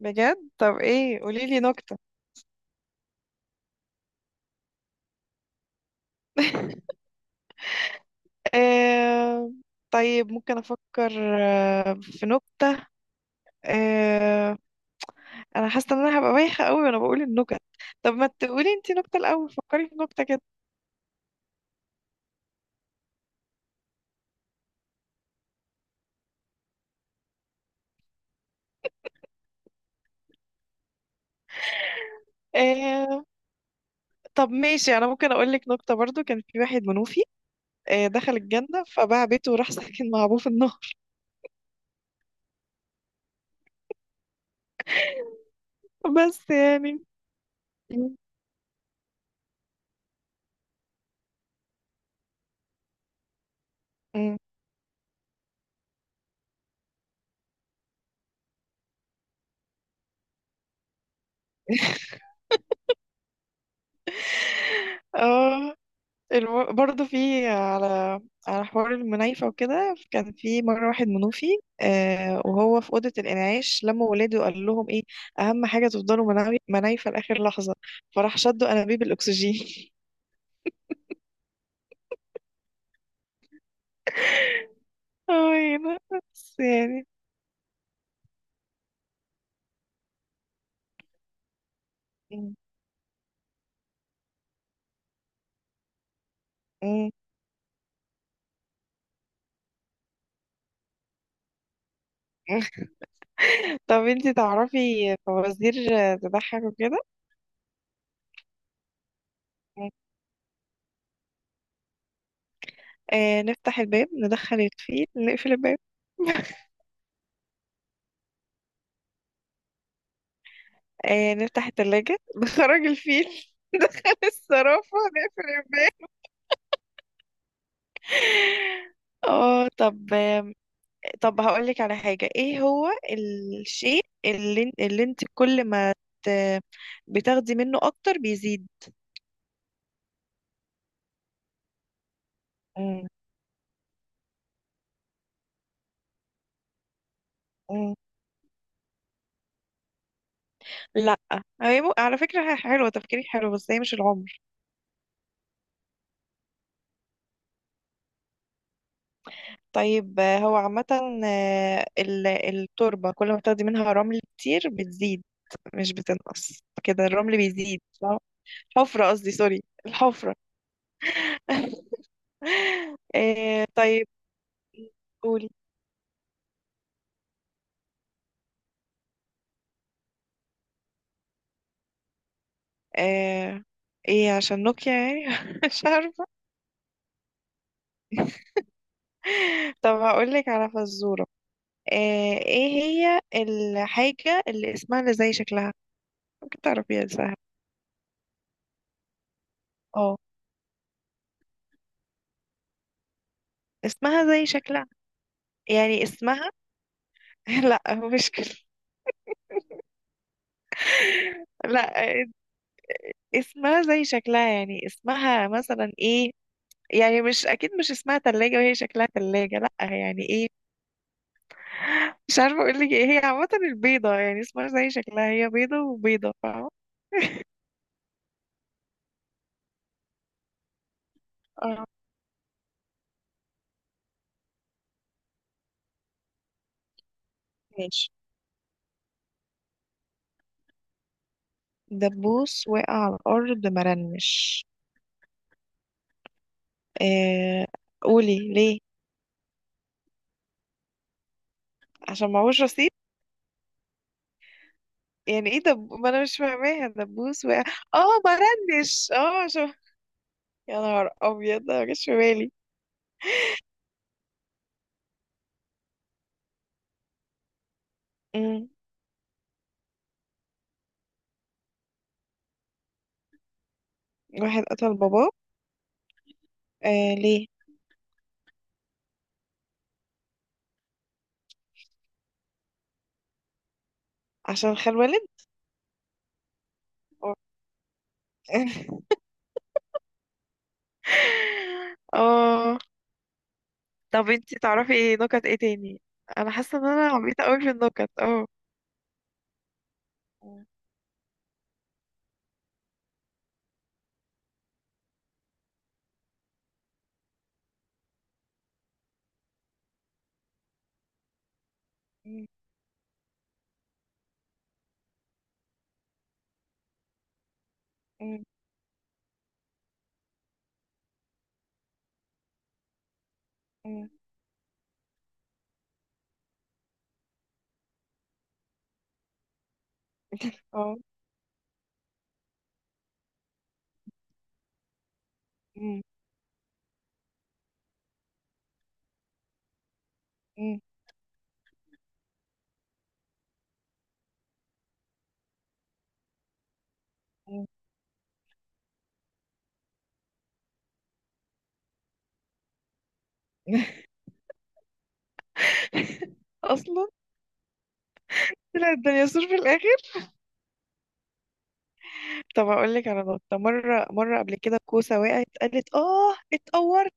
بجد، طب ايه؟ قوليلي نكتة. آه... طيب ممكن افكر. في نكتة. آه... انا حاسة ان انا هبقى بايخة قوي وانا بقول النكت. طب ما تقولي انتي نكتة الاول، فكري في نكتة كده. آه... طب ماشي، انا ممكن اقولك نكتة. برضو كان في واحد منوفي دخل الجنة فباع بيته وراح ساكن مع ابوه في النار. بس يعني. م- م. اه، برضه في على حوار المنايفة وكده. كان في مرة واحد منوفي آه، وهو في أوضة الإنعاش لما ولاده، وقال لهم إيه؟ أهم حاجة تفضلوا منايفة لآخر لحظة. فراح شدوا أنابيب الأكسجين. أي، بس يعني. م- م. طب انتي تعرفي فوازير تضحك وكده؟ آه، نفتح الباب، ندخل الفيل، نقفل الباب. آه، نفتح التلاجة، نخرج الفيل، ندخل الصرافة، نقفل الباب. اه طب. طب هقولك على حاجة. ايه هو الشيء اللي انت كل ما ت... بتاخدي منه اكتر بيزيد؟ مم. مم. لا، هي على فكرة هي حلوة، تفكيرك حلو، بس هي مش العمر. طيب، هو عامة التربة كل ما بتاخدي منها رمل كتير بتزيد، مش بتنقص كده. الرمل بيزيد صح؟ حفرة، قصدي سوري الحفرة. طيب. قولي. آه. ايه، عشان نوكيا يعني. مش عارفة. طب هقولك على فزورة. آه. ايه هي الحاجة اللي اسمها اللي زي شكلها؟ ممكن تعرفيها، دي سهلة. اه. اسمها زي شكلها، يعني اسمها. لا، مش كده. لا، اسمها زي شكلها يعني اسمها مثلا ايه. يعني مش اكيد مش اسمها تلاجة وهي شكلها تلاجة، لا. يعني ايه؟ مش عارفة اقولك. ايه هي عامة البيضة، يعني اسمها زي شكلها، هي بيضة وبيضة، فاهمة؟ اه ماشي. دبوس وقع على الأرض مرنش. آه، قولي ليه. عشان معهوش رصيد. يعني ايه؟ دب ما انا مش فاهماها، دبوس وقع. اه مرنش، اه عشان. يا نهار ابيض، ده مجاش في بالي. مم. واحد قتل باباه. آه ليه؟ عشان خال والد. اه. اه، طب انتي تعرفي ايه نكت ايه تاني؟ انا حاسه ان انا عبيطه قوي في النكت اه. مم. مم. مم. مم. اه. مم. مم. مم. اصلا طلعت الدنيا سور في الاخر. طب اقول لك على نقطه. مره مره قبل كده كوسه وقعت قالت اه اتقورت.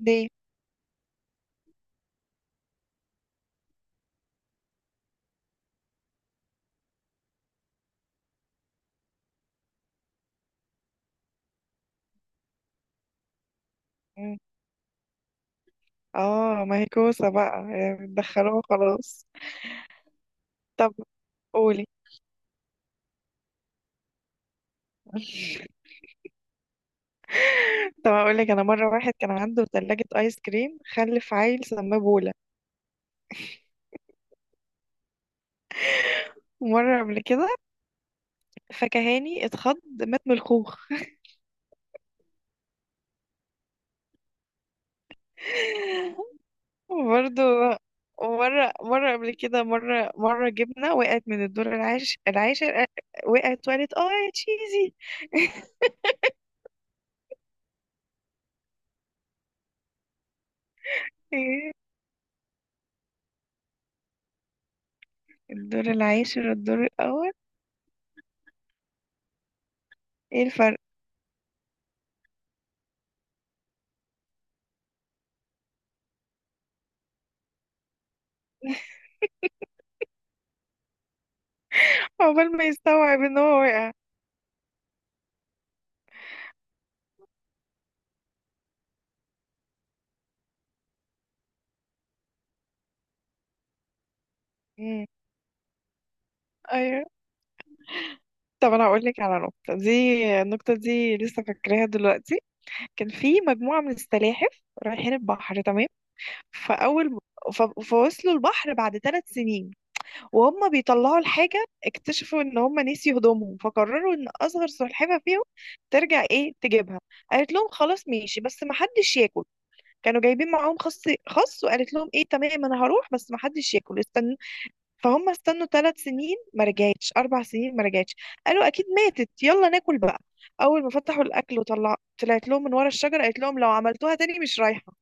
ليه؟ مم. اه، ما هي كوسه بقى يعني دخلوها خلاص. طب قولي. طب اقول لك انا، مره واحد كان عنده ثلاجه ايس كريم خلف عيل سماه بولا. ومره قبل كده فكهاني اتخض، مات من الخوخ. وبرضه مرة مرة قبل كده، مرة مرة جبنة وقعت من الدور العاشر العاشر، وقعت وقالت اه يا تشيزي. ايه الدور العاشر والدور الاول؟ ايه الفرق؟ عقبال ما يستوعب ان هو وقع. مم. ايوه. طب انا هقول لك على نقطه دي، النقطه دي لسه فاكراها دلوقتي. كان في مجموعه من السلاحف رايحين البحر، تمام؟ فاول، فوصلوا البحر بعد 3 سنين، وهم بيطلعوا الحاجه اكتشفوا ان هم نسيوا هدومهم، فقرروا ان اصغر سلحفه فيهم ترجع ايه تجيبها. قالت لهم خلاص ماشي، بس ما حدش ياكل. كانوا جايبين معاهم خص. خص، وقالت لهم ايه، تمام انا هروح بس ما حدش ياكل استنوا. فهم استنوا 3 سنين ما رجعتش، 4 سنين ما رجعتش. قالوا اكيد ماتت يلا ناكل بقى. اول ما فتحوا الاكل وطلع طلعت لهم من ورا الشجره قالت لهم لو عملتوها تاني مش رايحه.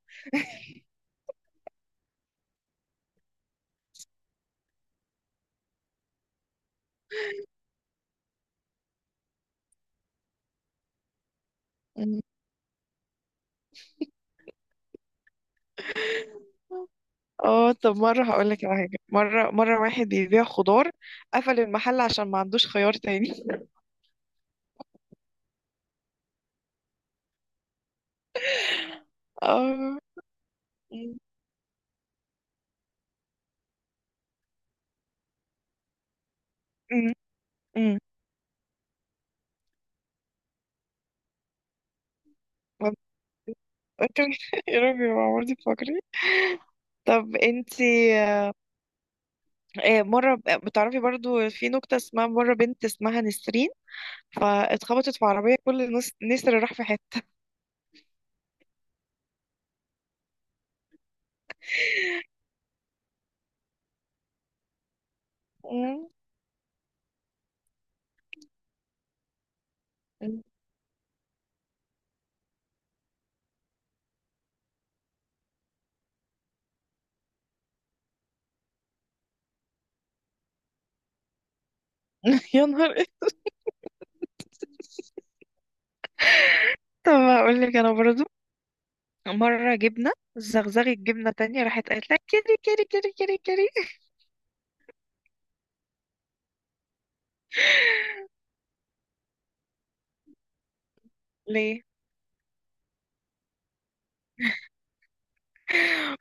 مم. اه طب، مره هقول لك على حاجه. مره مره واحد بيبيع خضار قفل المحل عشان ما عندوش خيار تاني. اه. مم. مم. مم. يا ربي، يا عمرتي تفكري. طب انتي، مرة بتعرفي برضو في نكتة اسمها، مرة بنت اسمها نسرين فاتخبطت في عربية كل نص نسر راح في حتة. مم. يا نهار إيه. طب هقول لك انا برضو، مرة جبنة زغزغت جبنة تانية راحت قالت لك كيري كيري كيري كيري كيري. ليه؟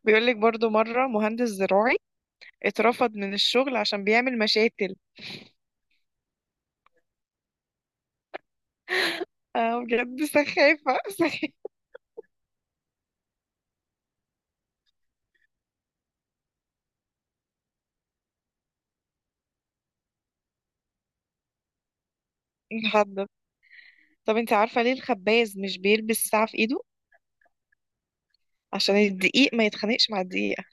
بيقول لك برضو، مرة مهندس زراعي اترفض من الشغل عشان بيعمل مشاتل. اه بجد سخافة، سخافة. لحد. طب انت عارفة ليه الخباز مش بيلبس ساعة في ايده؟ عشان الدقيق ما يتخانقش مع الدقيقة.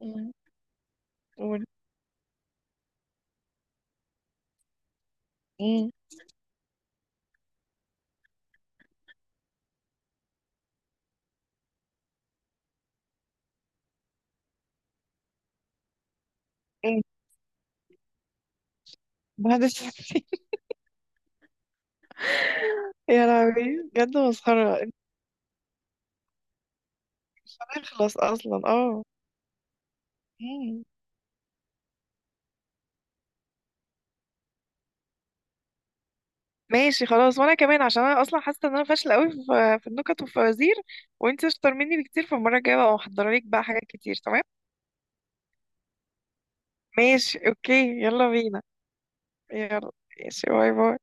مم. قولي. مم. مم. بعد الفنتين. يا لهوي بجد مسخرة انت. مش هنخلص اصلا اه. مم. ماشي خلاص، وانا كمان عشان انا اصلا حاسة ان انا فاشلة قوي في النكت والفوازير. وانت اشطر مني بكتير، فالمرة الجاية بقى محضرة لك بقى حاجات كتير تمام. ماشي اوكي يلا بينا. يلا ماشي، باي باي.